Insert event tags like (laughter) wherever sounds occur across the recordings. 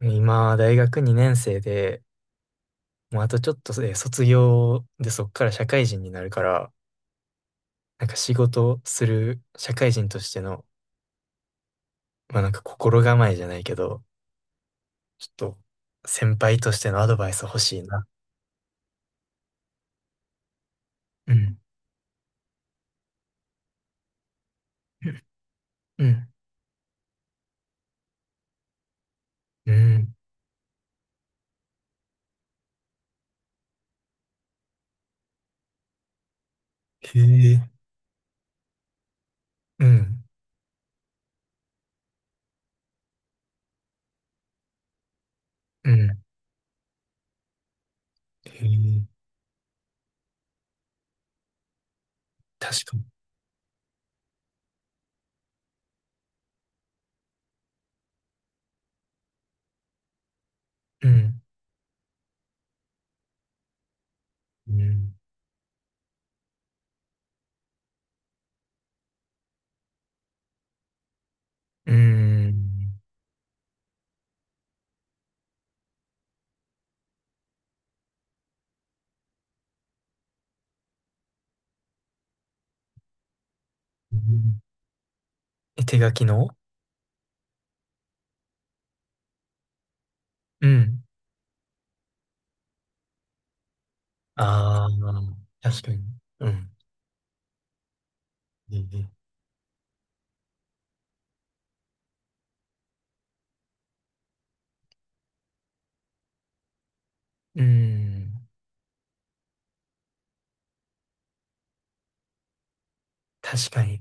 今、大学2年生で、もうあとちょっとで卒業でそっから社会人になるから、なんか仕事する社会人としての、まあなんか心構えじゃないけど、ちょっと先輩としてのアドバイス欲しいな。うん。うん。うん。へえ、うん。うん。へえ、確かに。うん。うん。うん。うん。え、手書きの？うん。ああ、確かに。うん。へえ。うん。確かに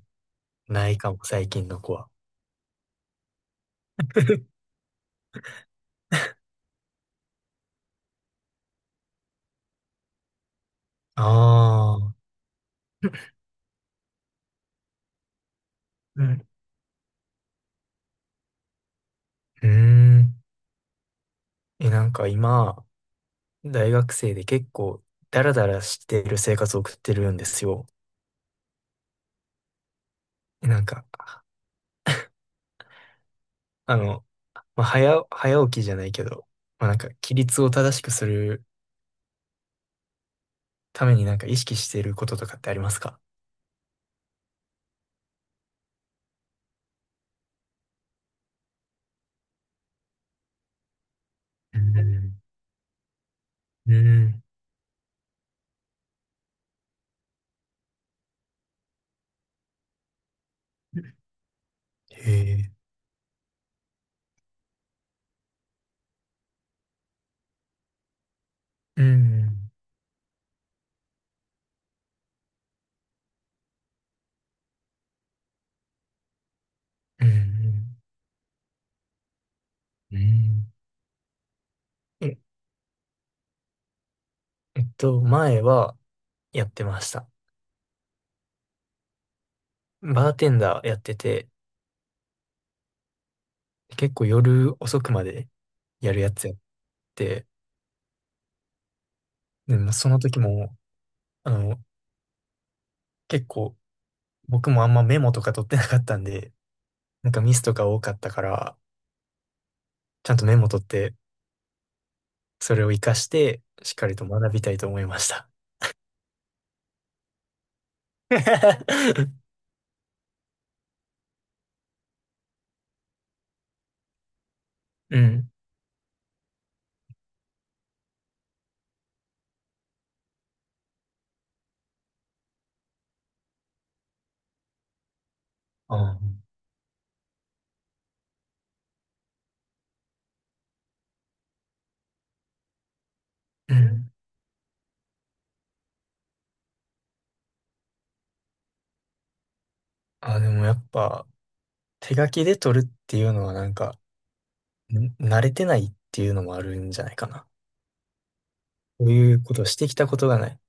ないかも、最近の子は。(laughs) ああ、うん。うーん。え、なんか今、大学生で結構、ダラダラしてる生活を送ってるんですよ。え、なんか、あの、まあ、早起きじゃないけど、まあ、なんか、規律を正しくするためになんか意識していることとかってありますか？うん、うん、へえ、うん、うん、うん。うん。え、前はやってました。バーテンダーやってて、結構夜遅くまでやるやつやって、でもその時も、あの、結構僕もあんまメモとか取ってなかったんで、なんかミスとか多かったから、ちゃんとメモ取って、それを活かして、しっかりと学びたいと思いました。(laughs) うん。あ、うん。あ、でもやっぱ、手書きで取るっていうのはなんか、慣れてないっていうのもあるんじゃないかな。こういうことをしてきたことがない。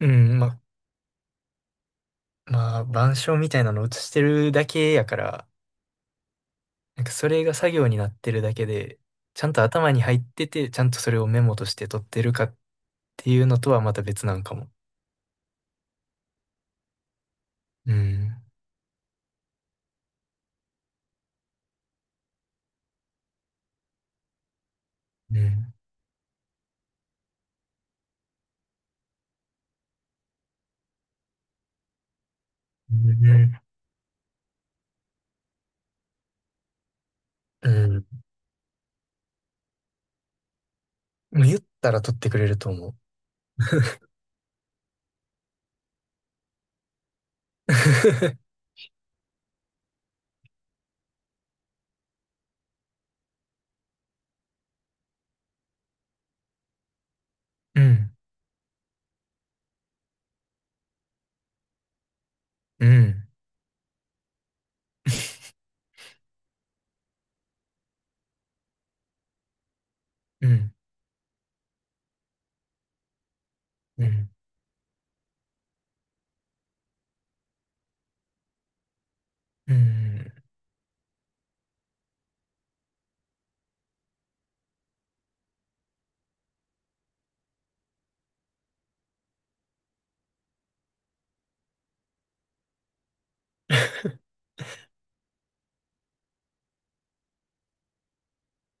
うん、まあ、板書みたいなの写してるだけやから、なんかそれが作業になってるだけで、ちゃんと頭に入ってて、ちゃんとそれをメモとして取ってるかっていうのとはまた別なんかも。うん。うん。うん。うん。もう言ったら取ってくれると思う。(laughs) うん。うん。うん。うん。うん。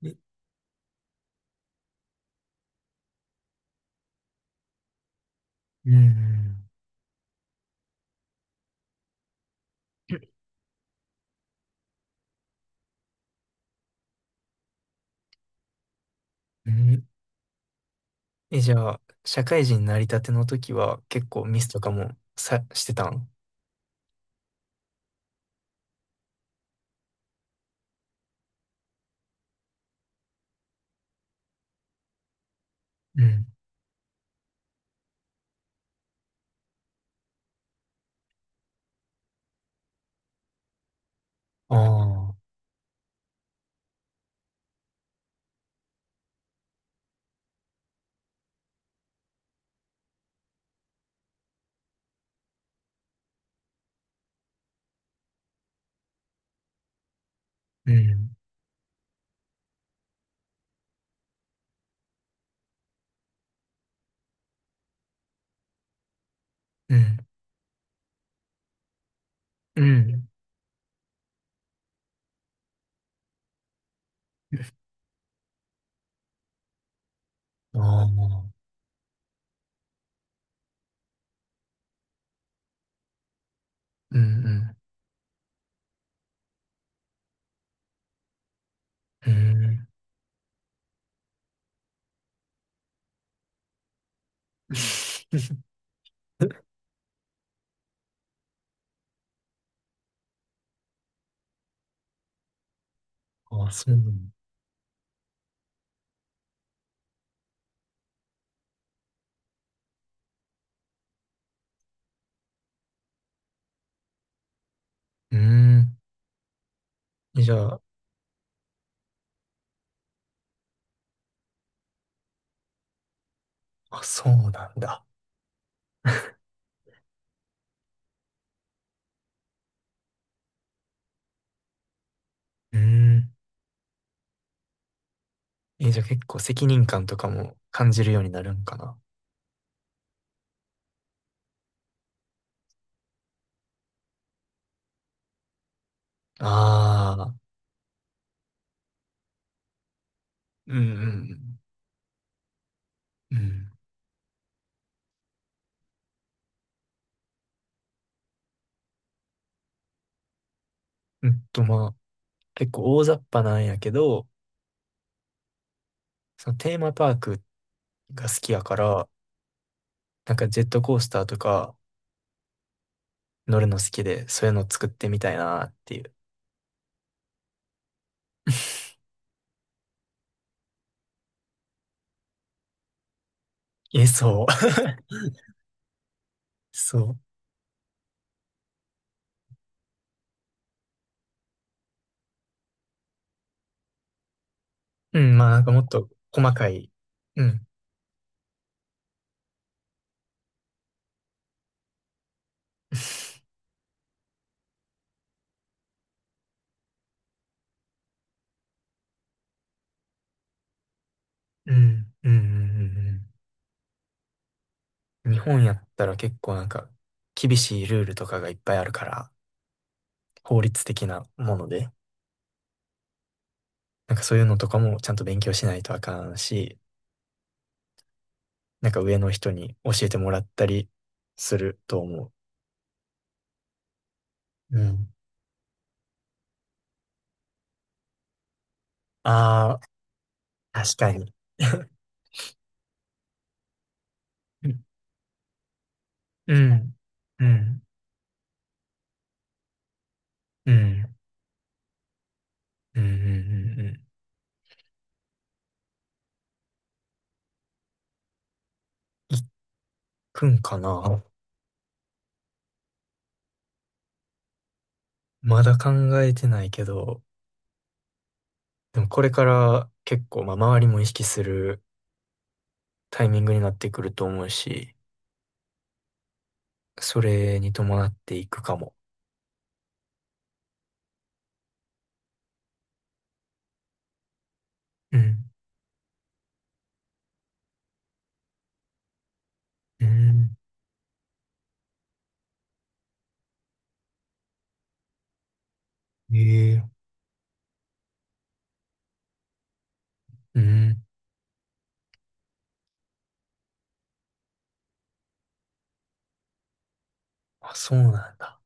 え。うん。うん。え、じゃあ、社会人になりたての時は結構ミスとかもさ、してたん？うん。ああ。うん。うん。うん。ああ、うんうん。へえ。あ (laughs) あ、そうなの。うん。え、じゃあ、あ、そうなんだ。うん。え、じゃあ結構責任感とかも感じるようになるんかな。ああ、うんうんうん。うん。まあ、結構大雑把なんやけど、そのテーマパークが好きやから、なんかジェットコースターとか乗るの好きで、そういうの作ってみたいなっていう。(laughs) え、そう。(laughs) そう。うん、まあなんかもっと細かい。うん。(laughs) うん、うん、うん、うん。うん。日本やったら結構なんか厳しいルールとかがいっぱいあるから、法律的なもので、なんかそういうのとかもちゃんと勉強しないとあかんし、なんか上の人に教えてもらったりすると思う。うん。ああ、確かに。(laughs) うん、うん、うん、うん、うん、うん。うん。いっくんかな？まだ考えてないけど、でもこれから結構、まあ、周りも意識するタイミングになってくると思うし、それに伴っていくかも。うん。うん。ええ。うん。あ、そうなんだ。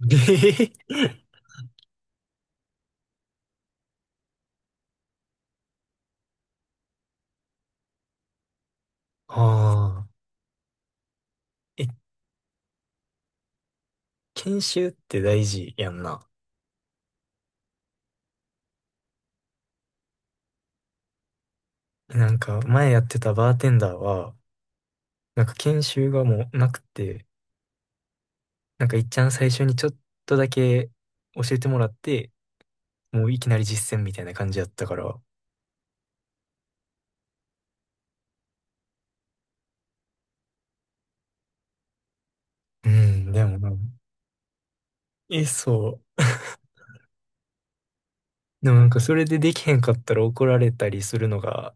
(laughs) ええ。ああ。え、研修って大事やんな。なんか、前やってたバーテンダーは、なんか研修がもうなくて、なんかいっちゃん最初にちょっとだけ教えてもらって、もういきなり実践みたいな感じやったから。うん、でもな、え、そう。でもなんかそれでできへんかったら怒られたりするのが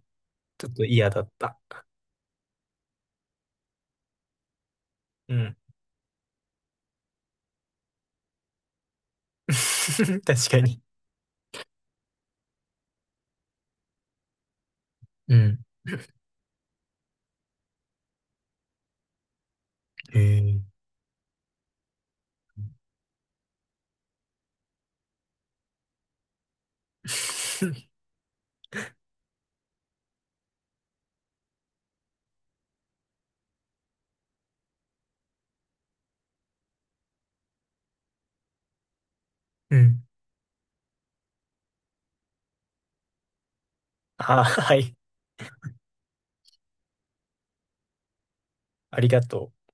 ちょっと嫌だった。うん。(laughs) 確かに。うん。へえ。(laughs) うん。あ、はい。ありがとう。